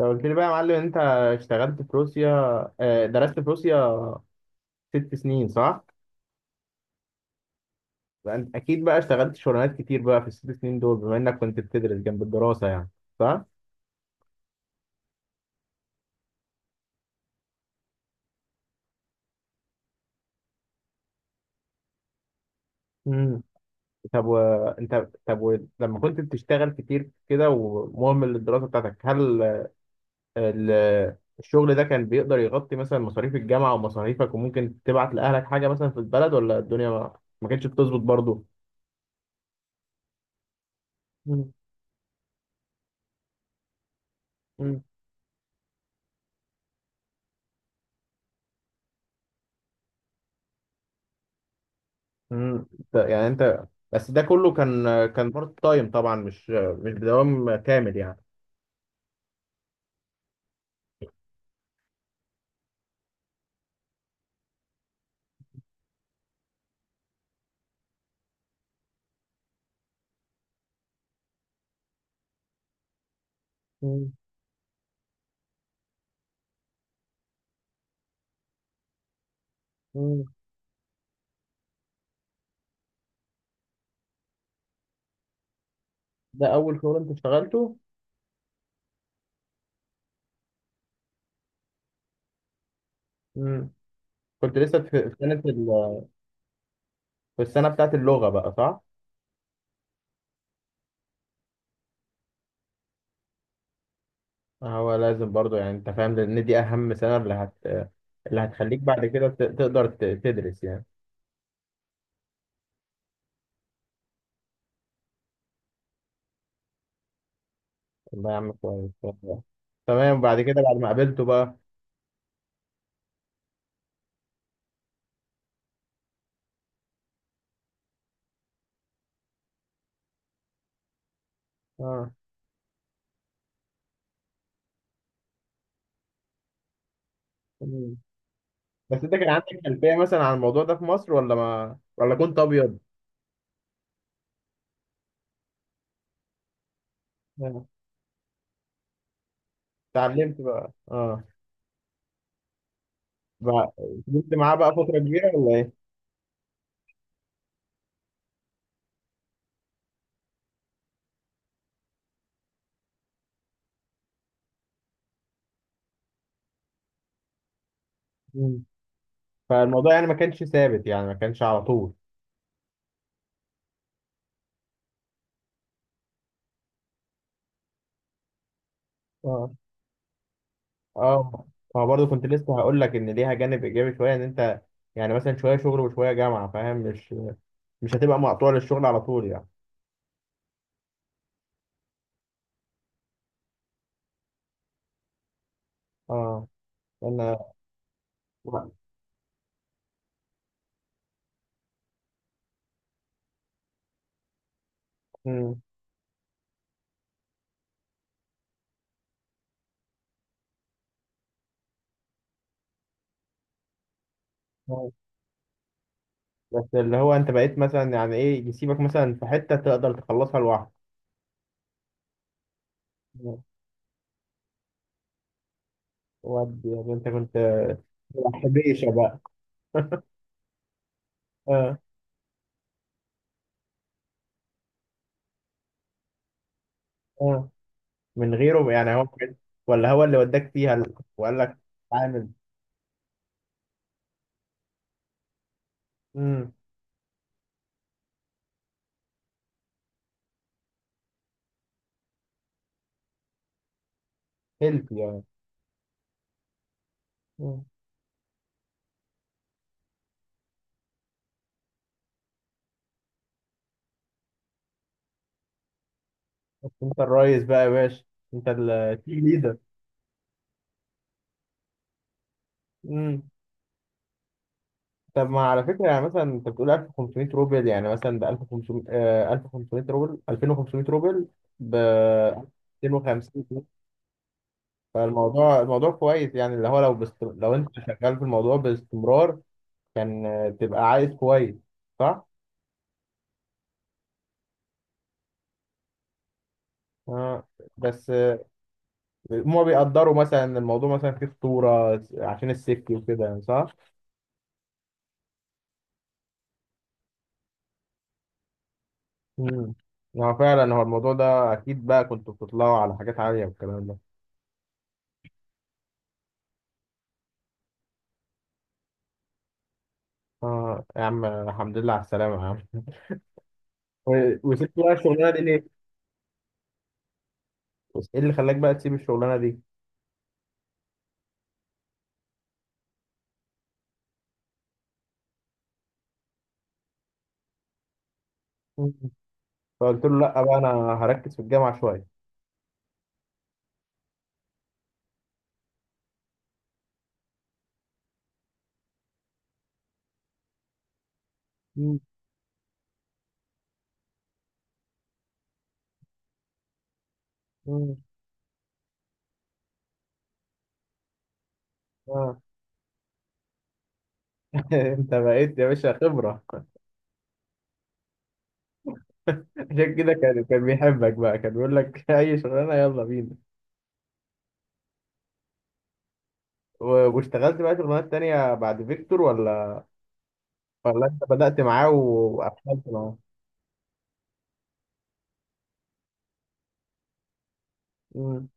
لو قلت لي بقى يا معلم انت اشتغلت في روسيا، درست في روسيا 6 سنين، صح؟ فانت اكيد بقى اشتغلت شغلانات كتير بقى في ال6 سنين دول بما انك كنت بتدرس جنب الدراسة يعني، صح؟ امم. طب وانت طب و... لما كنت بتشتغل كتير كده ومهمل للدراسة بتاعتك، ال... الشغل ده كان بيقدر يغطي مثلا مصاريف الجامعة ومصاريفك وممكن تبعت لأهلك حاجة مثلا في البلد، ولا الدنيا ما كانتش بتظبط برضه؟ مم. يعني انت بس ده كله كان بارت تايم طبعا، مش بدوام كامل يعني. مم. مم. ده اول شغل انت اشتغلته؟ مم. كنت لسه في في السنه بتاعت اللغه بقى، صح؟ هو لازم برضو يعني انت فاهم، لان دي اهم سنه اللي هتخليك بعد كده تقدر تدرس يعني. والله يا عم كويس والله. تمام، بعد كده بعد ما قابلته بقى. اه. مم. بس انت كان عندك خلفيه مثلا عن الموضوع ده في مصر، ولا ما، ولا كنت ابيض؟ آه. اتعلمت بقى، اه. بقى- فضلت معاه بقى فترة كبيرة ولا ايه؟ مم. فالموضوع يعني ما كانش ثابت، يعني ما كانش على طول. اه، اه. ما برضه كنت لسه هقول لك ان ليها جانب ايجابي شويه، ان انت يعني مثلا شويه شغل وشويه جامعه، فاهم؟ مش هتبقى مقطوع للشغل على طول يعني. اه. انا. مم. آه. بس اللي هو انت بقيت مثلا يعني ايه، يسيبك مثلا في حته تقدر تخلصها لوحدك. آه. ودي يعني انت كنت بتلعب حبيشه بقى. اه، اه. من غيره يعني، ولا هو اللي وداك فيها وقال لك؟ اتعامل. امم. هيلب يعني. مم. بس انت الريس بقى يا باشا، انت التيم ليدر. امم. طب ما على فكره، يعني مثلا انت بتقول 1500 روبل يعني مثلا ب 1500، 1500 روبل، 2500 روبل، ب 250 جنيه. فالموضوع الموضوع كويس، يعني اللي هو لو انت شغال في الموضوع باستمرار، كان تبقى عايز كويس، صح؟ آه. بس هما بيقدروا مثلا إن الموضوع مثلا فيه خطورة عشان السيفتي وكده يعني، صح؟ امم. هو فعلا هو الموضوع ده أكيد بقى كنتوا بتطلعوا على حاجات عالية والكلام ده. آه يا عم، الحمد لله على السلامة يا عم. وسبت بقى الشغلانة دي ليه؟ إيه اللي خلاك بقى تسيب الشغلانة دي؟ مم. فقلت له لأ بقى أنا هركز في الجامعة شوية. مم. مم. آه. أنت بقيت يا باشا خبرة. عشان كده كان بيحبك بقى، كان بيقول لك أي شغلانة يلا بينا. واشتغلت بقى شغلانات تانية بعد فيكتور، ولا انت بدأت معاه وقفلت معاه؟ مم.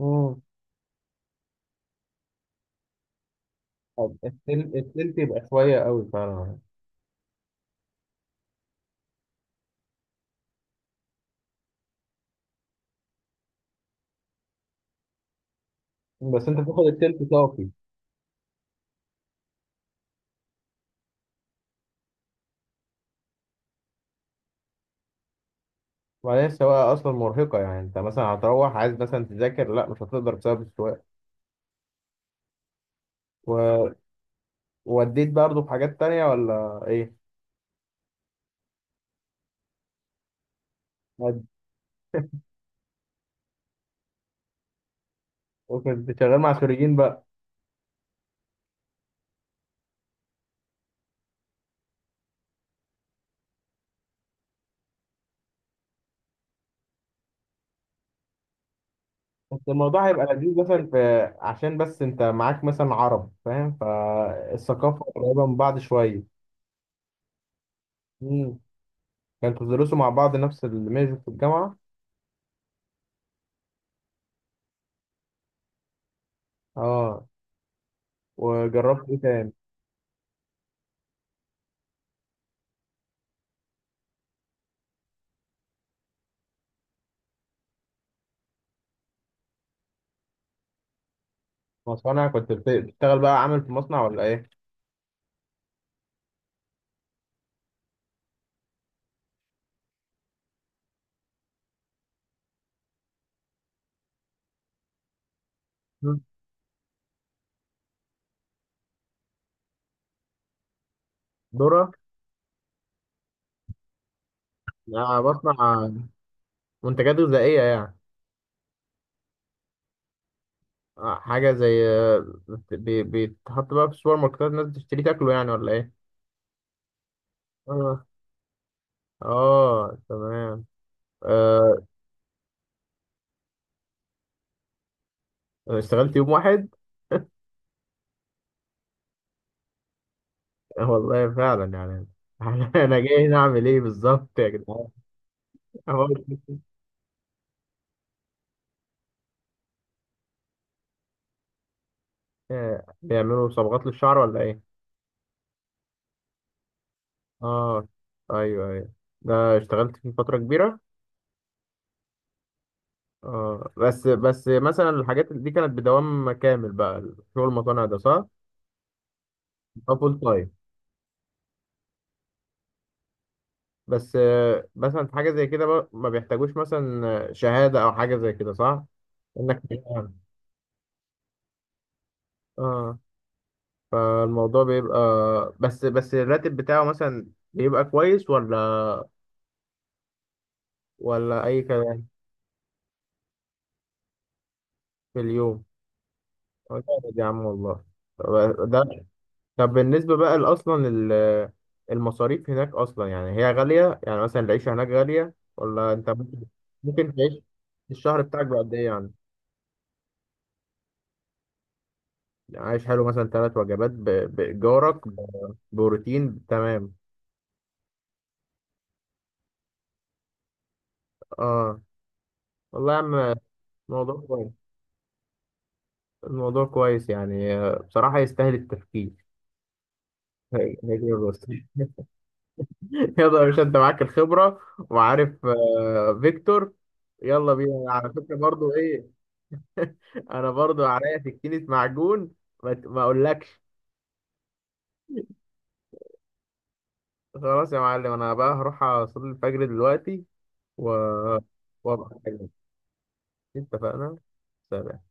مم. طب التلت يبقى شوية قوي فعلا. بس انت بتاخد التلت صافي. وبعدين السواقة أصلا مرهقة، يعني انت مثلا هتروح عايز مثلا تذاكر، لا مش هتقدر بسبب السواقة. و- ووديت برضه في حاجات تانية ولا ايه؟ ود- وكنت شغال مع سوريين بقى؟ بس الموضوع هيبقى لذيذ مثلا، في عشان بس انت معاك مثلا عرب فاهم، فالثقافة قريبة من بعض شوية. مم. كانتوا تدرسوا مع بعض نفس الميجر في الجامعة؟ اه. وجربت ايه تاني؟ مصانع، كنت بتشتغل بقى عامل في مصنع ولا ايه؟ مم. ذرة. آه، بصنع منتجات غذائية يعني. آه، حاجة زي، بيتحط بقى في السوبر ماركتات، الناس بتشتري تاكله يعني ولا ايه؟ اه. اه، تمام. آه. اشتغلت يوم واحد. آه، والله فعلا يعني. انا جاي هنا اعمل ايه بالظبط يا جدعان؟ هو. آه، بيعملوا صبغات للشعر ولا ايه؟ اه، ايوه ايوه. ده اشتغلت فيه فترة كبيرة؟ اه، بس مثلا الحاجات دي كانت بدوام كامل بقى؟ شغل المصانع ده، صح؟ اه، فول تايم. بس مثلا في حاجة زي كده بقى ما بيحتاجوش مثلا شهادة أو حاجة زي كده، صح؟ إنك. اه. فالموضوع بيبقى، بس الراتب بتاعه مثلا بيبقى كويس، ولا أي كلام. في اليوم؟ آه، جامد يا عم والله. طب ده بالنسبة بقى، أصلا المصاريف هناك أصلا يعني هي غالية، يعني مثلا العيشة هناك غالية ولا أنت ممكن تعيش؟ الشهر بتاعك بقد إيه يعني؟ يعني عايش حلو مثلا ثلاث وجبات، بإيجارك، بروتين، تمام. آه. والله يا عم، الموضوع كويس، الموضوع كويس يعني، بصراحة يستاهل التفكير. هي كده بس. يلا يا باشا أنت معاك الخبرة وعارف، فيكتور. يلا بينا على فكرة برضو، إيه. انا برضو عليا سكينة معجون. ما اقولكش. خلاص يا معلم، انا بقى هروح اصلي الفجر دلوقتي. و وابقى أكلمك. اتفقنا. سلام.